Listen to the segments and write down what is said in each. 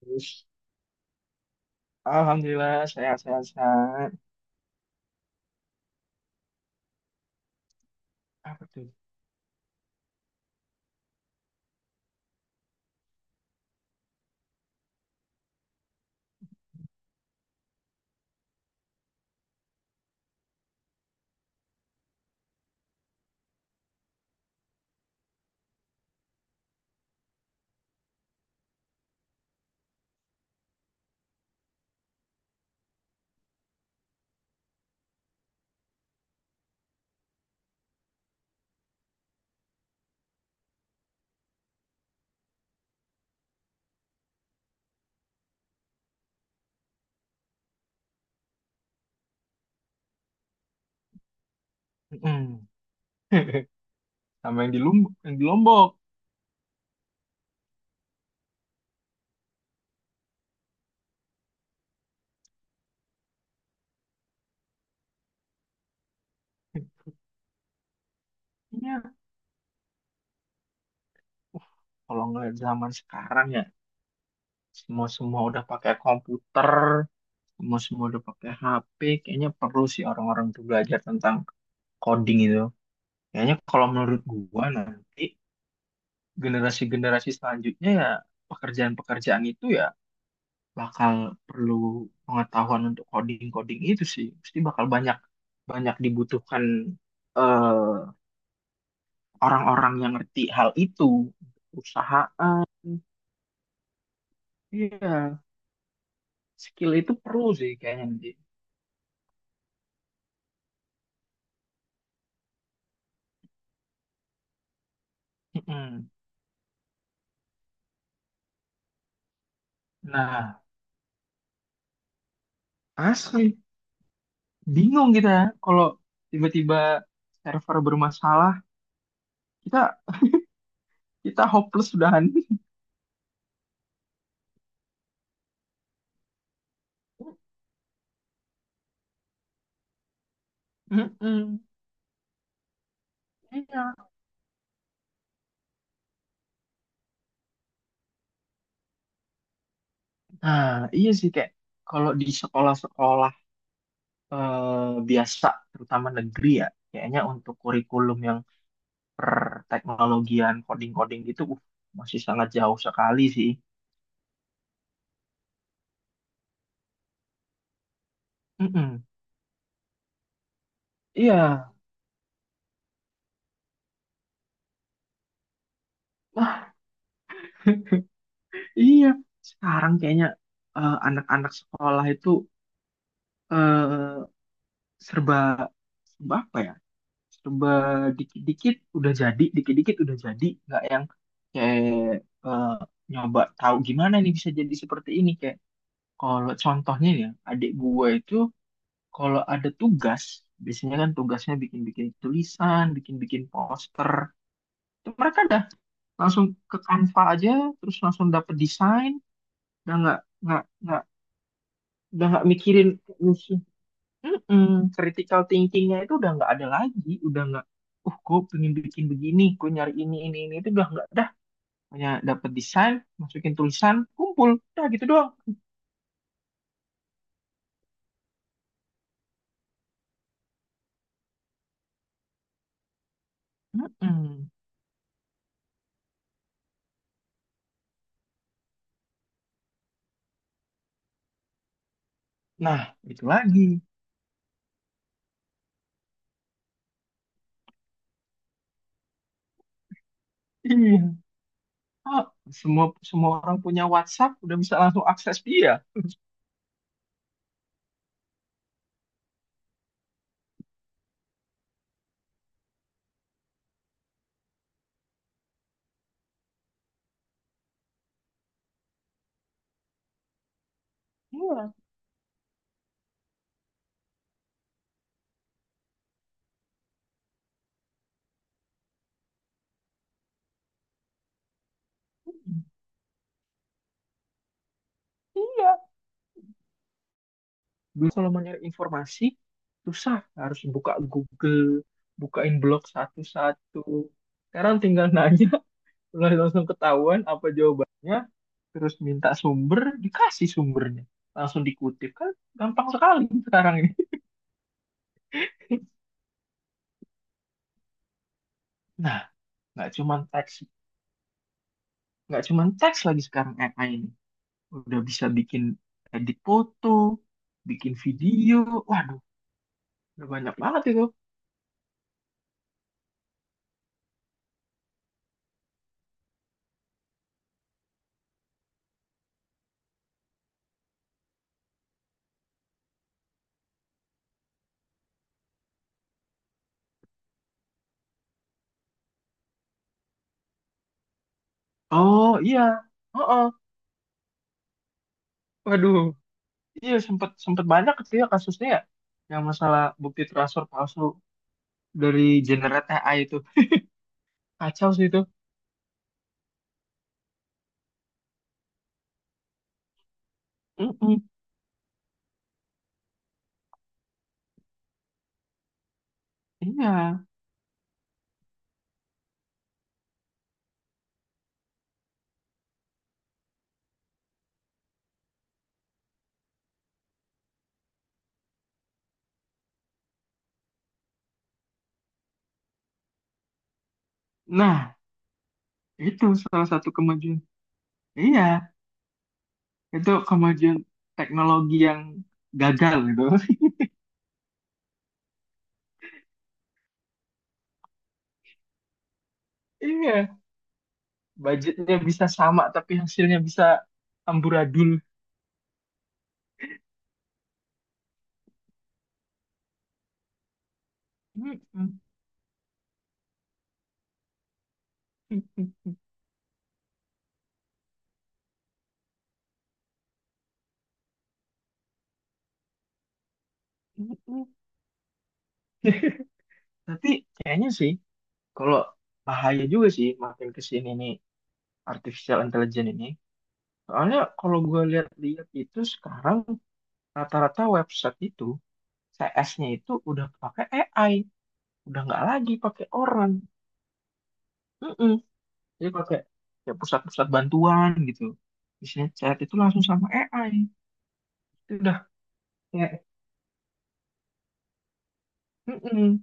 Terus, Alhamdulillah sehat-sehat sehat. Apa tuh? Mm-mm. Sama yang di Lombok, yang di Lombok. Iya, kalau ngeliat zaman sekarang ya, semua-semua udah pakai komputer, semua-semua udah pakai HP, kayaknya perlu sih orang-orang tuh belajar tentang coding itu. Kayaknya kalau menurut gua nanti generasi-generasi selanjutnya ya pekerjaan-pekerjaan itu ya bakal perlu pengetahuan untuk coding-coding itu sih. Pasti bakal banyak banyak dibutuhkan eh, orang-orang yang ngerti hal itu. Perusahaan, iya, skill itu perlu sih kayaknya nanti. Mm-mm. Nah, asli bingung kita ya kalau tiba-tiba server bermasalah, kita kita hopeless udahan. Mm-mm. Iya. Nah, iya sih kayak kalau di sekolah-sekolah biasa, terutama negeri ya, kayaknya untuk kurikulum yang perteknologian coding-coding gitu, masih sangat jauh sekali sih. Mm-mm. Iya, wah, iya. Sekarang kayaknya anak-anak sekolah itu eh, serba, serba apa ya? Serba dikit-dikit udah jadi, nggak yang kayak eh, nyoba tahu gimana nih bisa jadi seperti ini kayak. Kalau contohnya nih ya, adik gue itu, kalau ada tugas, biasanya kan tugasnya bikin-bikin tulisan, bikin-bikin poster. Itu mereka dah langsung ke Canva aja, terus langsung dapet desain, udah nggak udah nggak mikirin musuh. Mm-mm, critical thinkingnya itu udah nggak ada lagi, udah nggak. Gue pengen bikin begini, gue nyari ini itu udah nggak dah. Hanya dapet desain, masukin tulisan, kumpul, udah gitu doang. Mm-mm. Nah, itu lagi. Iya. Ah, semua semua orang punya WhatsApp udah bisa langsung akses dia. Iya, iya. Dulu kalau mau nyari informasi susah, harus buka Google, bukain blog satu-satu. Sekarang tinggal nanya, udah langsung ketahuan apa jawabannya, terus minta sumber, dikasih sumbernya, langsung dikutip kan gampang sekali sekarang ini. Nah, nggak cuman teks, nggak cuman teks lagi sekarang AI ini, udah bisa bikin edit foto, bikin video. Waduh, udah banyak banget itu. Oh iya, oh, waduh, iya sempet sempet banyak itu ya kasusnya ya. Yang masalah bukti transfer palsu dari Generate AI itu. Kacau sih itu. Mm-mm. Iya. Nah, itu salah satu kemajuan. Iya, itu kemajuan teknologi yang gagal gitu. Iya, budgetnya bisa sama tapi hasilnya bisa amburadul. Mm-mm. Tapi kayaknya sih, kalau bahaya juga sih makin ke sini nih artificial intelligence ini. Soalnya kalau gue lihat-lihat itu sekarang rata-rata website itu CS-nya itu udah pakai AI, udah nggak lagi pakai orang. Mm-mm. Jadi pakai ya pusat-pusat bantuan gitu. Isinya chat itu langsung sama AI. Itu udah kayak mm-mm.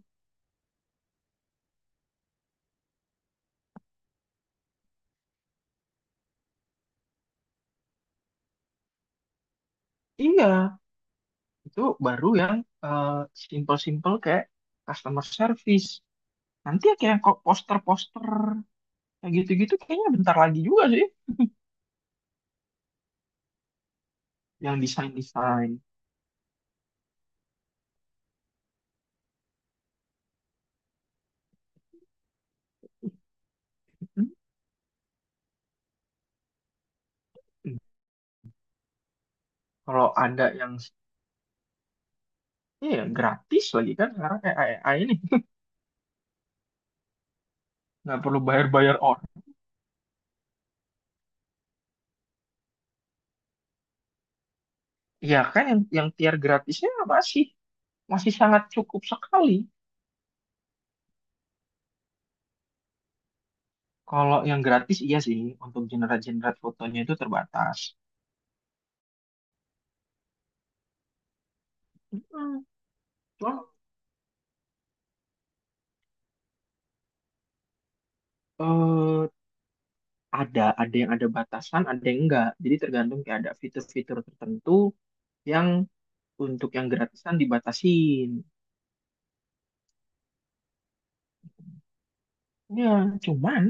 Iya, itu baru yang eh, simple-simple kayak customer service. Nanti ya kayak kok poster-poster, yang gitu-gitu kayaknya bentar lagi juga sih. Yang desain-desain. Hmm. Kalau ada yang iya gratis lagi kan sekarang kayak AI ini nggak perlu bayar-bayar orang. Iya kan yang tier gratisnya masih masih sangat cukup sekali. Kalau yang gratis iya sih untuk generate-generate fotonya itu terbatas. Hmm. Cuma eh, ada yang ada batasan, ada yang enggak. Jadi tergantung kayak ada fitur-fitur tertentu yang untuk yang gratisan dibatasin. Ya, cuman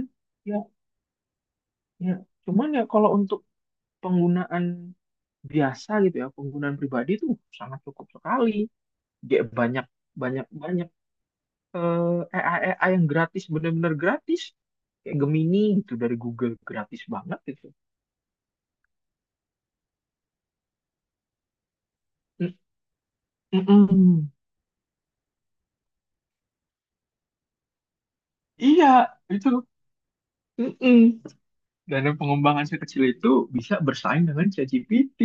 ya, ya, cuman ya kalau untuk penggunaan biasa gitu ya, penggunaan pribadi itu sangat cukup sekali. Dia banyak banyak banyak AI AI yang gratis benar-benar gratis. Kayak Gemini gitu dari Google gratis banget gitu. Mm- mm-mm. Iya, itu. Mm-mm. Dan pengembangan sekecil itu bisa bersaing dengan ChatGPT.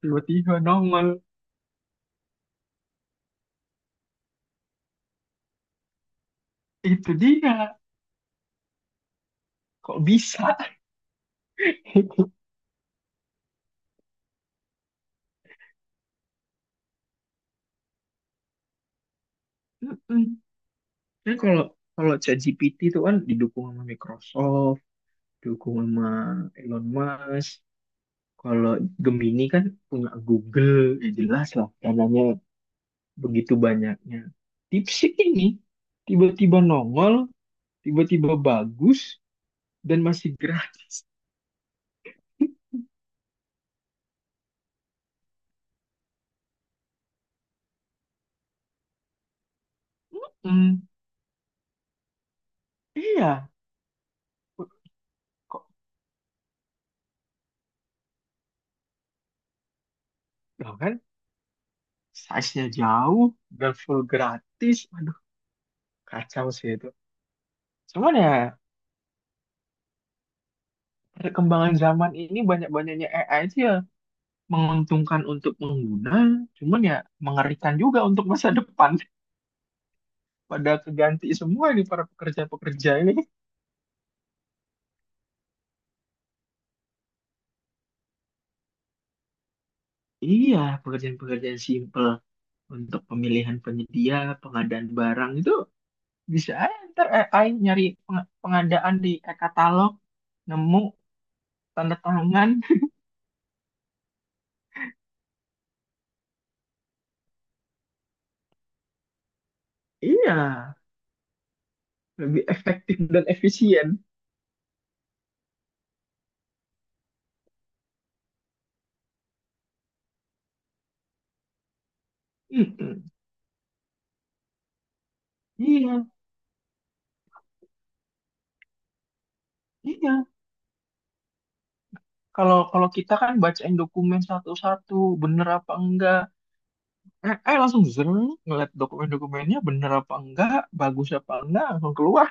Tiba-tiba nongol. Itu dia. Kok bisa? Kan kalau kalau ChatGPT itu kan didukung sama Microsoft, didukung sama Elon Musk. Kalau Gemini kan punya Google, ya jelas lah dananya begitu banyaknya. DeepSeek ini tiba-tiba nongol, tiba-tiba bagus dan masih gratis. Hmm, iya, kok tau kan size-nya jauh dan full gratis. Aduh, kacau sih itu. Cuman ya perkembangan zaman ini banyak-banyaknya AI aja menguntungkan untuk pengguna, cuman ya mengerikan juga untuk masa depan. Pada keganti semua ini para pekerja-pekerja ini. Iya, pekerjaan-pekerjaan simple untuk pemilihan penyedia, pengadaan barang itu bisa aja ntar AI nyari peng- pengadaan di e-katalog, nemu tanda tangan. Iya, lebih efektif dan efisien. Mm-mm. Iya, iya. Kalau kalau kita kan bacain dokumen satu-satu, bener apa enggak, langsung seru nih ngeliat dokumen-dokumennya bener apa enggak bagus apa enggak langsung keluar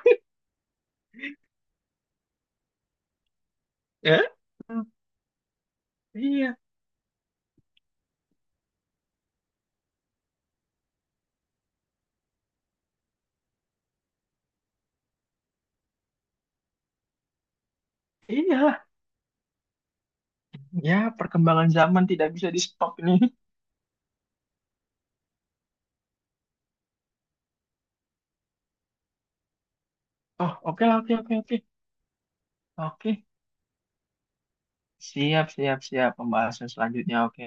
ya. Hmm, iya iya ya perkembangan zaman tidak bisa di stop ini. Oh oke lah, oke oke oke oke, siap siap siap pembahasan selanjutnya oke.